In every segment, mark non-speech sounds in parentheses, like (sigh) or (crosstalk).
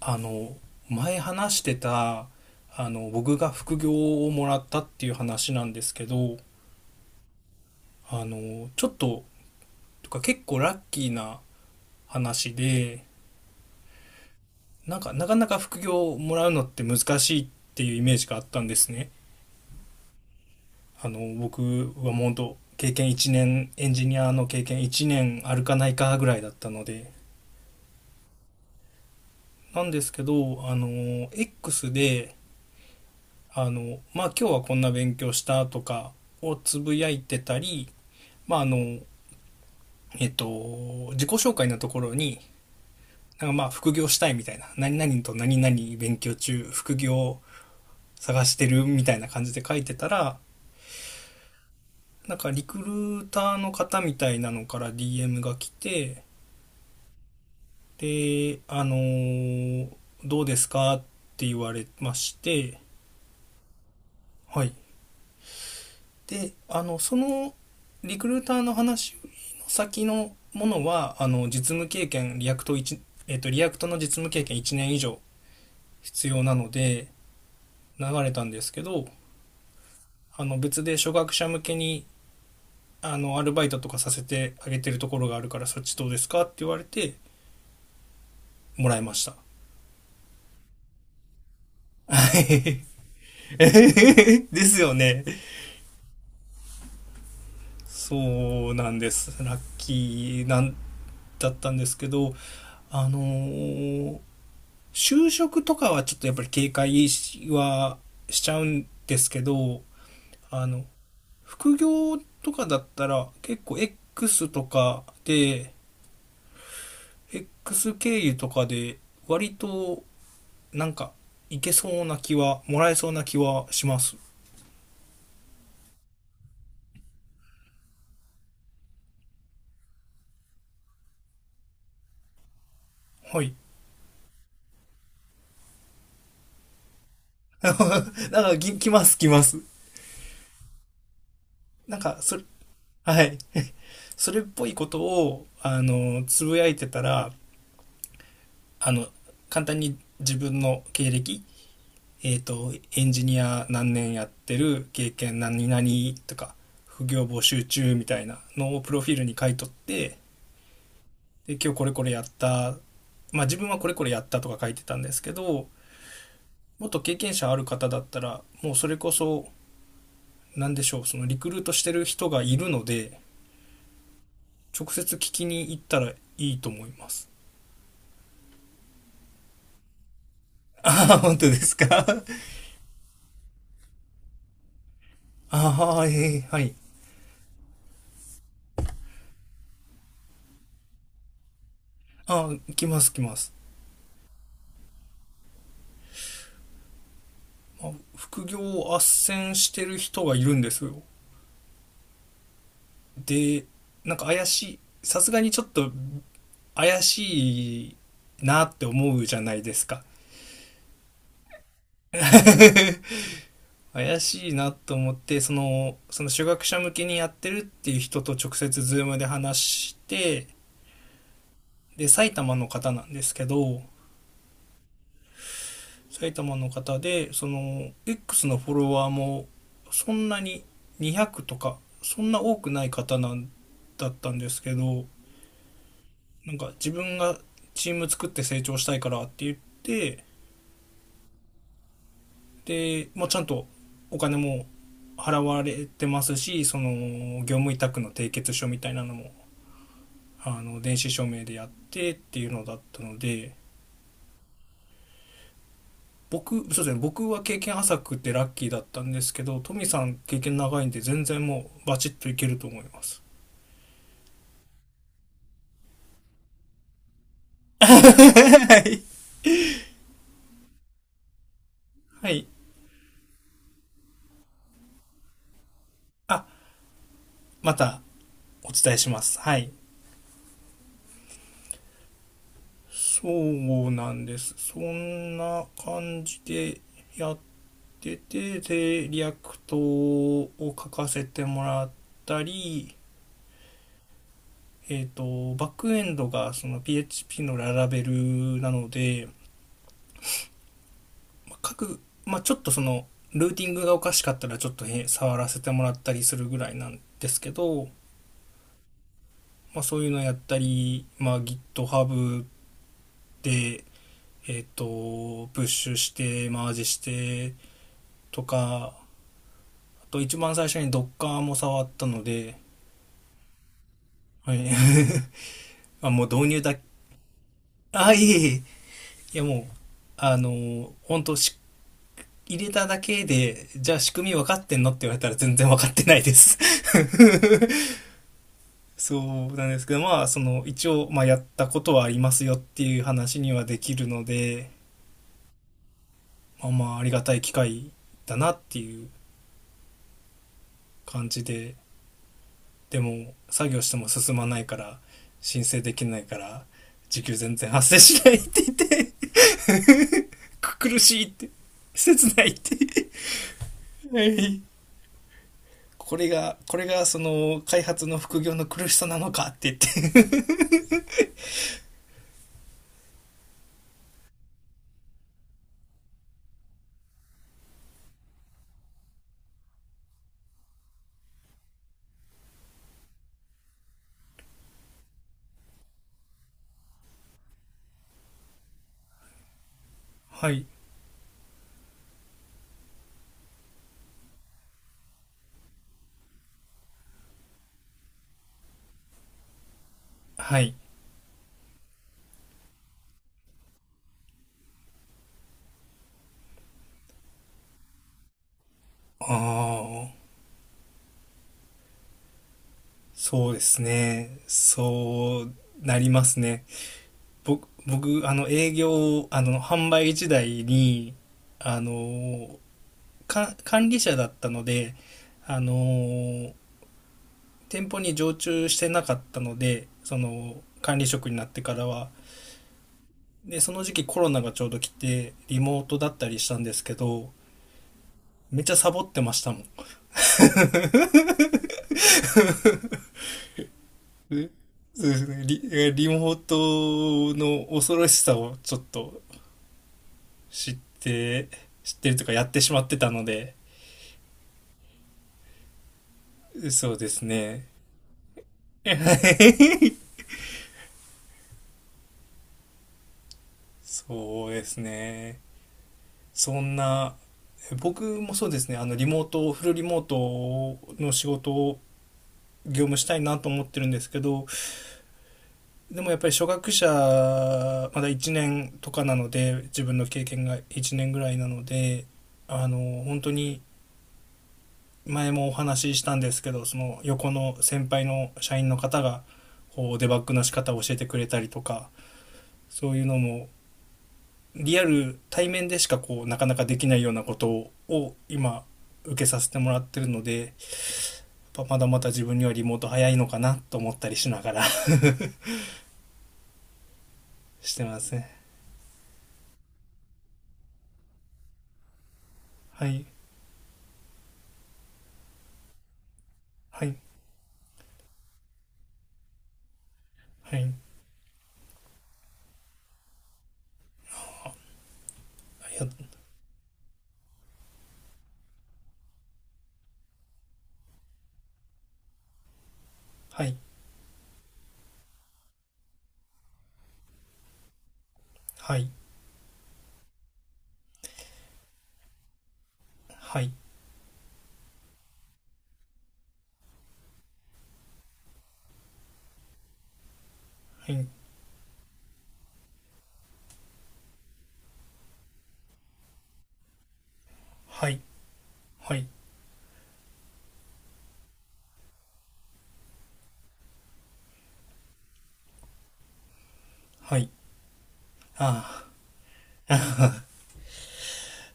あの前話してた僕が副業をもらったっていう話なんですけど、あのちょっととか結構ラッキーな話で、なんかなかなか副業をもらうのって難しいっていうイメージがあったんですね。僕はもうと経験1年エンジニアの経験1年あるかないかぐらいだったので。なんですけど、あの X で、まあ、今日はこんな勉強したとかをつぶやいてたり、まあ、あの、自己紹介のところに、副業したいみたいな、何々と何々勉強中、副業探してるみたいな感じで書いてたら、なんかリクルーターの方みたいなのから DM が来て、で、あのどうですかって言われまして、はい。であのそのリクルーターの話の先のものは、あの実務経験リアクトの実務経験1年以上必要なので流れたんですけど、あの別で初学者向けに、あのアルバイトとかさせてあげてるところがあるからそっちどうですかって言われてもらいました。 (laughs) ですよね。そうなんです、ラッキーなんだったんですけど、あのー、就職とかはちょっとやっぱり警戒はしちゃうんですけど、あの、副業とかだったら結構 X とかで、X 経由とかで割となんかいけそうな気は、もらえそうな気はします。はい。(laughs) なんかき、来ます、来ます。なんか、それ、はい。それっぽいことを、あの、つぶやいてたら、あの、簡単に自分の経歴、エンジニア何年やってる経験何々とか、副業募集中みたいなのをプロフィールに書いとって、で、今日これこれやった、まあ自分はこれこれやったとか書いてたんですけど、もっと経験者ある方だったら、もうそれこそ、何でしょう、そのリクルートしてる人がいるので、直接聞きに行ったらいいと思います。ああ、本当ですか。 (laughs) ああ、えー、はい。ああ、来ます来ます。まあ副業を斡旋してる人がいるんですよ。で、なんか怪しい、さすがにちょっと怪しいなって思うじゃないですか。 (laughs)。怪しいなと思って、その初学者向けにやってるっていう人と直接ズームで話して、で、埼玉の方なんですけど、埼玉の方で、その、X のフォロワーもそんなに200とか、そんな多くない方なんだったんですけど、なんか自分がチーム作って成長したいからって言って、で、もうちゃんとお金も払われてますし、その業務委託の締結書みたいなのも、あの、電子署名でやってっていうのだったので。僕、そうですね、僕は経験浅くてラッキーだったんですけど、トミさん経験長いんで全然もうバチッといけると思います。はい。はい。あ、またお伝えします。はい。そうなんです。そんな感じでやってて、で、リアクトを書かせてもらったり、バックエンドがその PHP のララベルなので、書く各、まあ、ちょっとその、ルーティングがおかしかったらちょっと触らせてもらったりするぐらいなんですけど、まあ、そういうのやったり、まあ、GitHub で、プッシュして、マージしてとか、あと一番最初に Docker も触ったので。はい。(laughs) まあもう導入だ。あ、いえいえ。いや、もう、あのー、本当し、入れただけで、じゃあ仕組み分かってんのって言われたら全然分かってないです。(laughs) そうなんですけど、まあ、その、一応、まあ、やったことはありますよっていう話にはできるので、まあまあ、ありがたい機会だなっていう感じで。でも、作業しても進まないから、申請できないから、時給全然発生しないって言って、苦しいって、切ないって。(laughs) はい。これがその開発の副業の苦しさなのかって言って。 (laughs) はい。はい。ああ、そうですね。そうなりますね。僕、あの、あの、販売時代に、あの、管理者だったので、あの、店舗に常駐してなかったので、その、管理職になってからは。で、その時期コロナがちょうど来て、リモートだったりしたんですけど、めっちゃサボってましたもん。う、そうですね。リモートの恐ろしさをちょっと知って、知ってるとかやってしまってたので。そうですね。そうですね。そんな、僕もそうですね、あの、リモート、フルリモートの仕事を業務したいなと思ってるんですけど、でもやっぱり初学者、まだ1年とかなので、自分の経験が1年ぐらいなので、あの、本当に前もお話ししたんですけど、その横の先輩の社員の方がこうデバッグの仕方を教えてくれたりとか、そういうのもリアル対面でしかこうなかなかできないようなことを今受けさせてもらってるので、まだまだ自分にはリモート早いのかなと思ったりしながら (laughs) してますね。はいはいはいはいはいはいはいはいはいはい。ああ、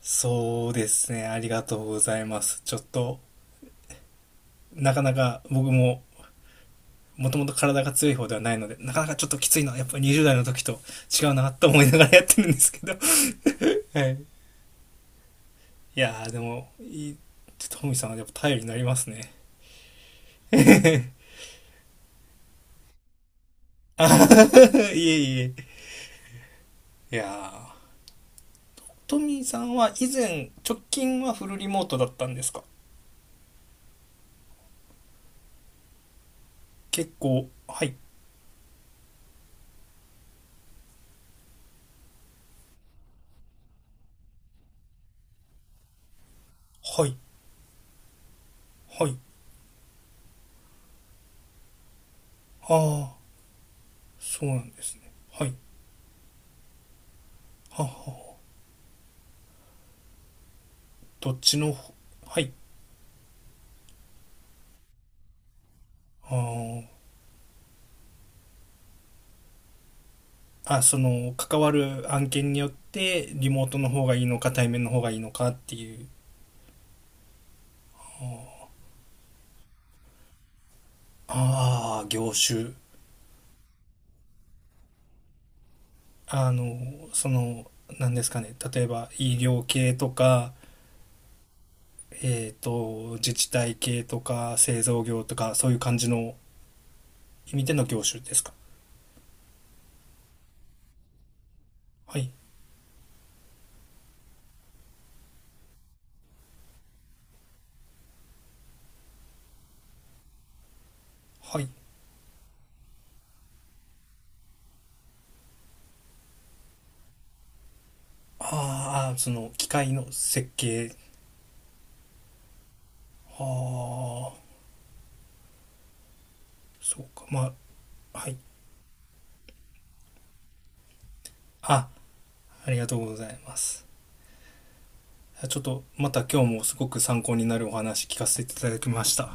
そうですね。ありがとうございます。ちょっとなかなか僕も、もともと体が強い方ではないので、なかなかちょっときついのはやっぱ20代の時と違うなと思いながらやってるんですけど。(laughs) はい。いやーでも、いい、トミーさんはやっぱ頼りになりますね。 (laughs)。いえいえ。いやー、トミーさんは以前、直近はフルリモートだったんですか？結構、はい、はい、はい。ああ、そうなんですね。はい、はは。どっちの、はい。ああ。あ、その関わる案件によってリモートの方がいいのか対面の方がいいのかっていう。ああ、業種。あの、その、何ですかね、例えば医療系とか、自治体系とか製造業とか、そういう感じの意味での業種ですか？はいはい。ああ、その機械の設計。ああそうかまあはい。あ、ありがとうございます。ちょっとまた今日もすごく参考になるお話聞かせていただきました。